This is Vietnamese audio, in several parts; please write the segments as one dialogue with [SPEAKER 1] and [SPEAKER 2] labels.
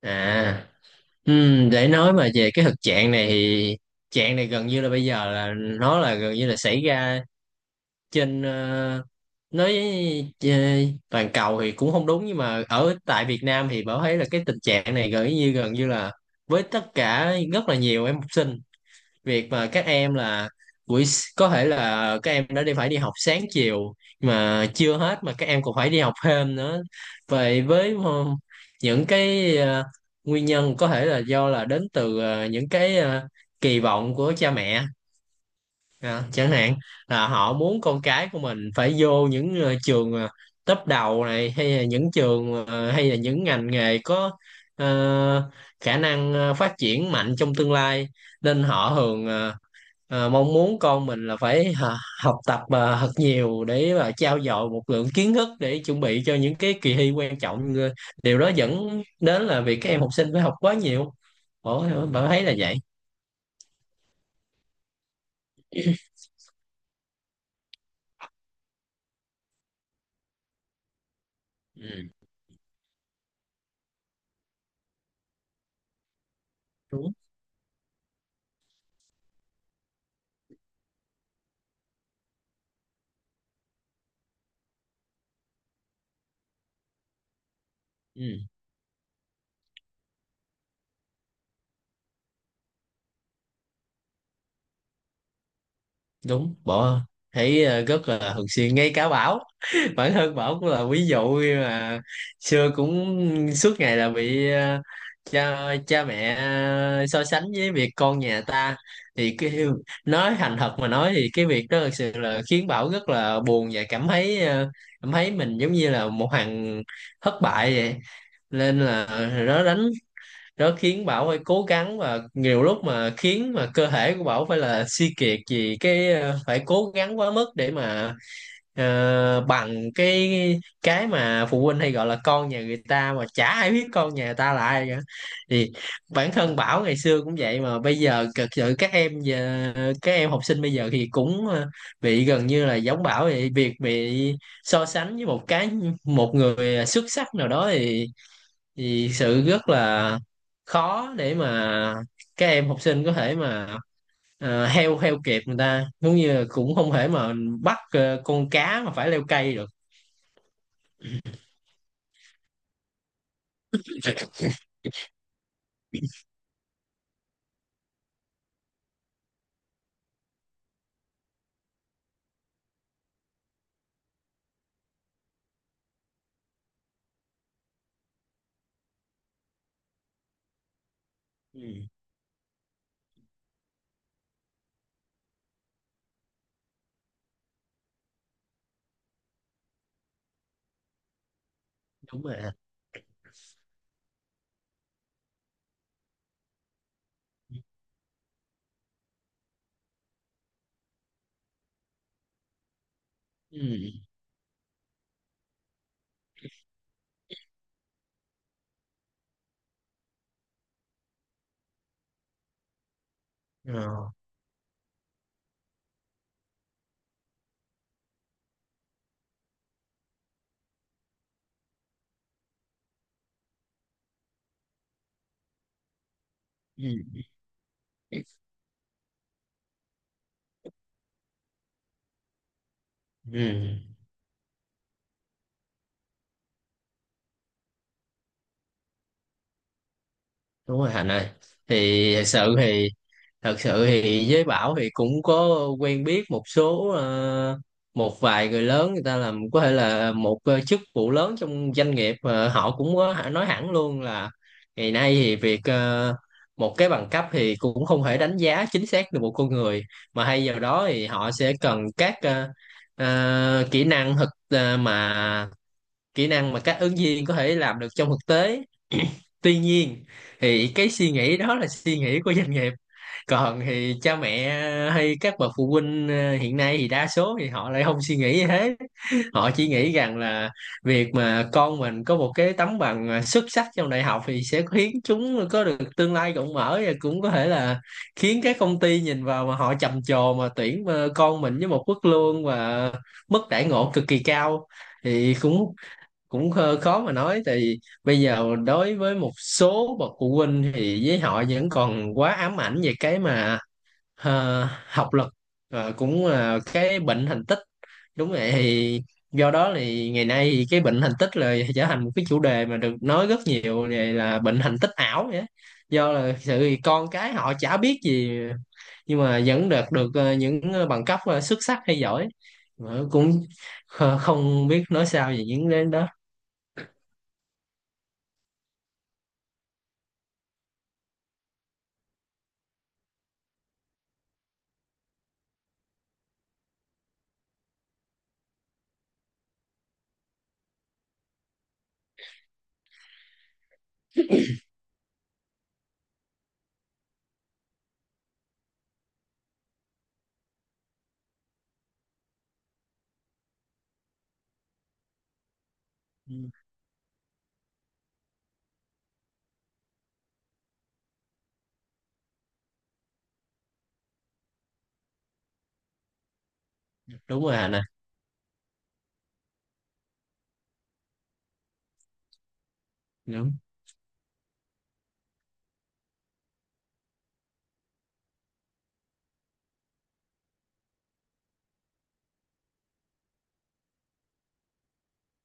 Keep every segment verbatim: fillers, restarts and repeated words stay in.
[SPEAKER 1] À, ừm, để nói mà về cái thực trạng này thì trạng này gần như là bây giờ là nó là gần như là xảy ra trên ờ, nói ờ, toàn cầu thì cũng không đúng, nhưng mà ở tại Việt Nam thì Bảo thấy là cái tình trạng này gần như gần như là với tất cả rất là nhiều em học sinh. Việc mà các em là buổi s- có thể là các em đã đi phải đi học sáng chiều mà chưa hết, mà các em còn phải đi học thêm nữa vậy. Với ờ, những cái ờ, nguyên nhân có thể là do là đến từ ờ, những cái ờ, kỳ vọng của cha mẹ, à, chẳng hạn là họ muốn con cái của mình phải vô những ờ, trường ờ, top đầu này, hay là những trường ờ, hay là những ngành nghề có ờ, khả năng ờ, phát triển mạnh trong tương lai. Nên họ thường ờ, à, mong muốn con mình là phải hả, học tập à, thật nhiều để mà trau dồi một lượng kiến thức để chuẩn bị cho những cái kỳ thi quan trọng. Ờ, Điều đó dẫn đến là việc các em học sinh phải học quá nhiều, bỏ bạn thấy là vậy. ừ, đúng ừ, đúng bỏ thấy à, rất là thường xuyên, ngay cả Bảo, bản thân Bảo cũng là ví dụ. Khi mà xưa cũng suốt ngày là bị ờ, cha cha mẹ ờ, so sánh với việc con nhà ta, thì cái nói thành thật mà nói thì cái việc đó thực sự là khiến Bảo rất là buồn và cảm thấy ờ, cảm thấy mình giống như là một thằng thất bại vậy. Nên là nó đánh nó khiến Bảo phải cố gắng, và nhiều lúc mà khiến mà cơ thể của Bảo phải là suy kiệt vì cái ờ, phải cố gắng quá mức để mà ờ, bằng cái cái mà phụ huynh hay gọi là con nhà người ta, mà chả ai biết con nhà người ta là ai cả. Thì bản thân Bảo ngày xưa cũng vậy, mà bây giờ thực sự các em giờ các em học sinh bây giờ thì cũng ờ, bị gần như là giống Bảo vậy, việc bị so sánh với một cái một người xuất sắc nào đó, thì thì sự rất là khó để mà các em học sinh có thể mà ờ, heo heo kẹp người ta, giống như là cũng không thể mà bắt ờ, con cá mà phải leo cây được. Ừ, đúng rồi ừ. ờ, ừ. ừ, đúng rồi Hạnh ơi. Thì thật sự thì Thật sự thì với Bảo thì cũng có quen biết một số ờ, một vài người lớn, người ta làm có thể là một ờ, chức vụ lớn trong doanh nghiệp ờ, họ cũng có hả- nói hẳn luôn là ngày nay thì việc ờ, một cái bằng cấp thì cũng không thể đánh giá chính xác được một con người, mà hay vào đó thì họ sẽ cần các ờ, ờ, kỹ năng thực ờ, mà kỹ năng mà các ứng viên có thể làm được trong thực tế. Tuy nhiên thì cái suy nghĩ đó là suy nghĩ của doanh nghiệp, còn thì cha mẹ hay các bậc phụ huynh ờ, hiện nay thì đa số thì họ lại không suy nghĩ như thế. Họ chỉ nghĩ rằng là việc mà con mình có một cái tấm bằng ờ, xuất sắc trong đại học thì sẽ khiến chúng có được tương lai rộng mở, và cũng có thể là khiến các công ty nhìn vào mà họ trầm trồ mà tuyển ờ, con mình với một mức lương và mức đãi ngộ cực kỳ cao. Thì cũng cũng khó khó mà nói thì bây giờ đối với một số bậc phụ huynh thì với họ vẫn còn quá ám ảnh về cái mà Ờ, học lực ờ, cũng là cái bệnh thành tích. Đúng vậy, thì do đó thì ngày nay thì cái bệnh thành tích là trở thành một cái chủ đề mà được nói rất nhiều, về là bệnh thành tích ảo vậy á. Do là sự con cái họ chả biết gì nhưng mà vẫn được được ờ, những ờ, bằng cấp ờ, xuất sắc hay giỏi, mà cũng kh- không biết nói sao về những đến đó. Ừ, Đúng rồi Hà nè. Đúng.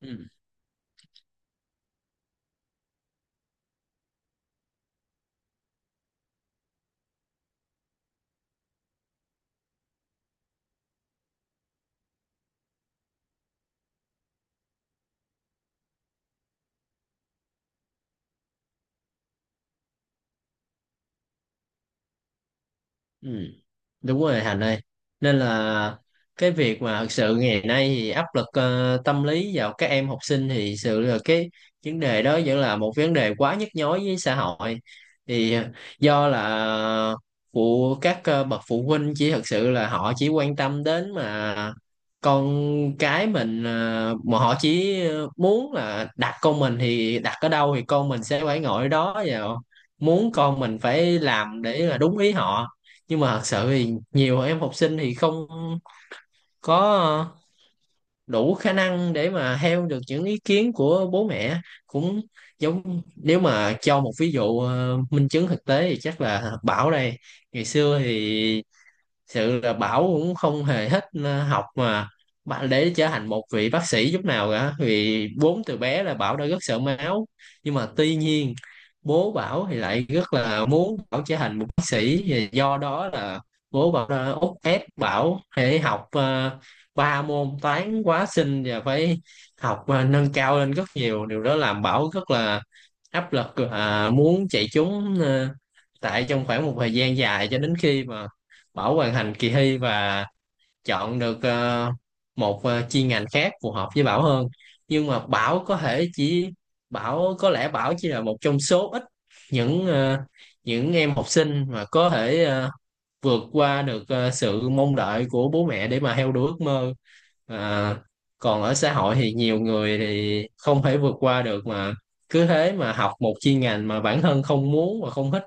[SPEAKER 1] Ừ. Ừ, Đúng rồi Hành ơi. Nên là cái việc mà thực sự ngày nay thì áp lực ờ, tâm lý vào các em học sinh thì thực sự là cái vấn đề đó vẫn là một vấn đề quá nhức nhối với xã hội. thì ờ, Do là phụ các ờ, bậc phụ huynh chỉ thực sự là họ chỉ quan tâm đến mà con cái mình ờ, mà họ chỉ muốn là đặt con mình thì đặt ở đâu thì con mình sẽ phải ngồi ở đó, và muốn con mình phải làm để là đúng ý họ. Nhưng mà thật sự thì nhiều em học sinh thì không có ờ, đủ khả năng để mà theo được những ý kiến của bố mẹ. Cũng giống nếu mà cho một ví dụ ờ, minh chứng thực tế thì chắc là Bảo đây, ngày xưa thì sự là Bảo cũng không hề thích ờ, học mà bạn để trở thành một vị bác sĩ chút nào cả, vì bốn từ bé là Bảo đã rất sợ máu. Nhưng mà tuy nhiên bố Bảo thì lại rất là muốn Bảo trở thành một bác sĩ. Và do đó là bố Bảo đã úc ép Bảo phải học ờ, ba môn toán hóa sinh và phải học ờ, nâng cao lên rất nhiều. Điều đó làm Bảo rất là áp lực, à, muốn chạy trốn ờ, tại trong khoảng một thời gian dài, cho đến khi mà Bảo hoàn thành kỳ thi và chọn được ờ, một ờ, chuyên ngành khác phù hợp với Bảo hơn. Nhưng mà Bảo có thể chỉ Bảo có lẽ Bảo chỉ là một trong số ít những ờ, những em học sinh mà có thể ờ, vượt qua được ờ, sự mong đợi của bố mẹ để mà theo đuổi ước mơ. À, còn ở xã hội thì nhiều người thì không thể vượt qua được, mà cứ thế mà học một chuyên ngành mà bản thân không muốn và không thích,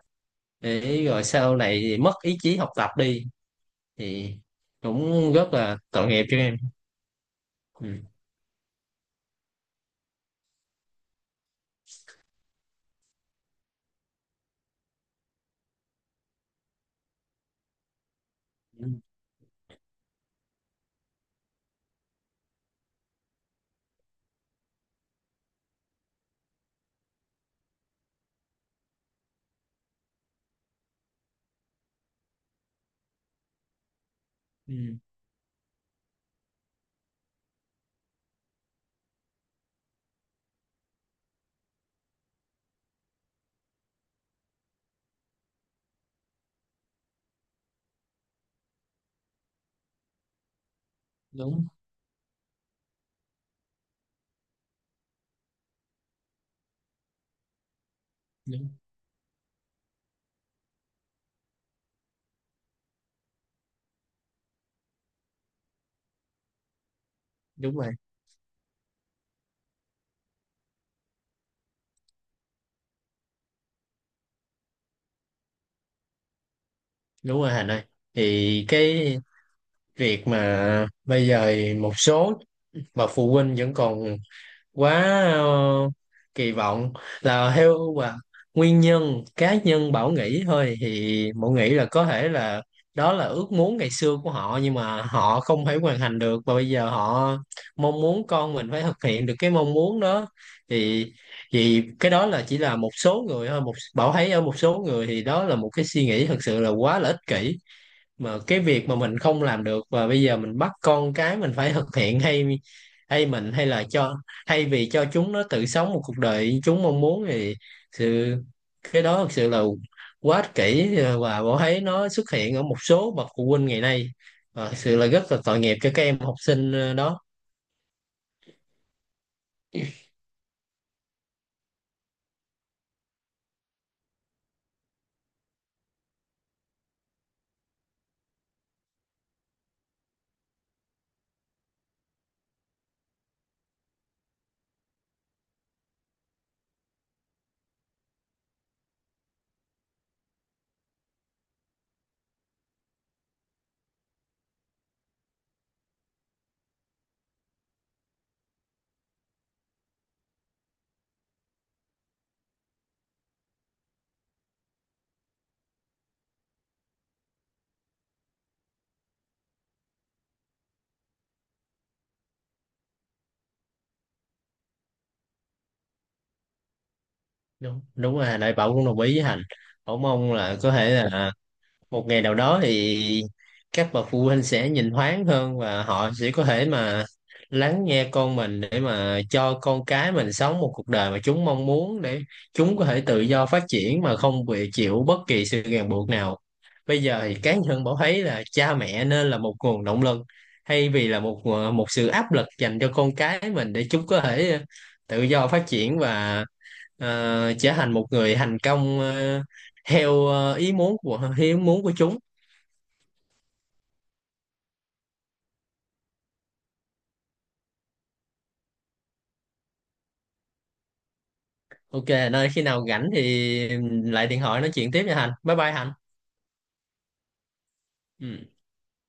[SPEAKER 1] để rồi sau này thì mất ý chí học tập đi, thì cũng rất là tội nghiệp cho em. Ừ. Ừ. Ừ. đúng đúng Đúng rồi. Đúng rồi Hành ơi, thì cái việc mà bây giờ một số bậc phụ huynh vẫn còn quá ờ, kỳ vọng là theo và nguyên nhân cá nhân Bảo nghĩ thôi, thì Bảo nghĩ là có thể là đó là ước muốn ngày xưa của họ nhưng mà họ không thể hoàn thành được, và bây giờ họ mong muốn con mình phải thực hiện được cái mong muốn đó. Thì thì cái đó là chỉ là một số người thôi, một Bảo thấy ở một số người thì đó là một cái suy nghĩ thật sự là quá là ích kỷ. Mà cái việc mà mình không làm được và bây giờ mình bắt con cái mình phải thực hiện, hay hay mình hay là cho hay vì cho chúng nó tự sống một cuộc đời chúng mong muốn, thì sự cái đó thực sự là quá ích kỷ ờ, và Bảo thấy nó xuất hiện ở một số bậc phụ huynh ngày nay, và thực sự là rất là tội nghiệp cho các em học sinh ờ, đó. Đúng Đúng rồi Đại, Bảo cũng đồng ý với Hành. Bảo mong là có thể là một ngày nào đó thì các bậc phụ huynh sẽ nhìn thoáng hơn và họ sẽ có thể mà lắng nghe con mình để mà cho con cái mình sống một cuộc đời mà chúng mong muốn, để chúng có thể tự do phát triển mà không bị chịu bất kỳ sự ràng buộc nào. Bây giờ thì cá nhân Bảo thấy là cha mẹ nên là một nguồn động lực, thay vì là một ờ, một sự áp lực dành cho con cái mình, để chúng có thể tự do phát triển và ờ, trở thành một người thành công ờ, theo ờ, ý muốn của ý muốn của chúng. OK, nơi khi nào rảnh thì lại điện thoại nói chuyện tiếp nha Hành, bye bye Hành. Ừ.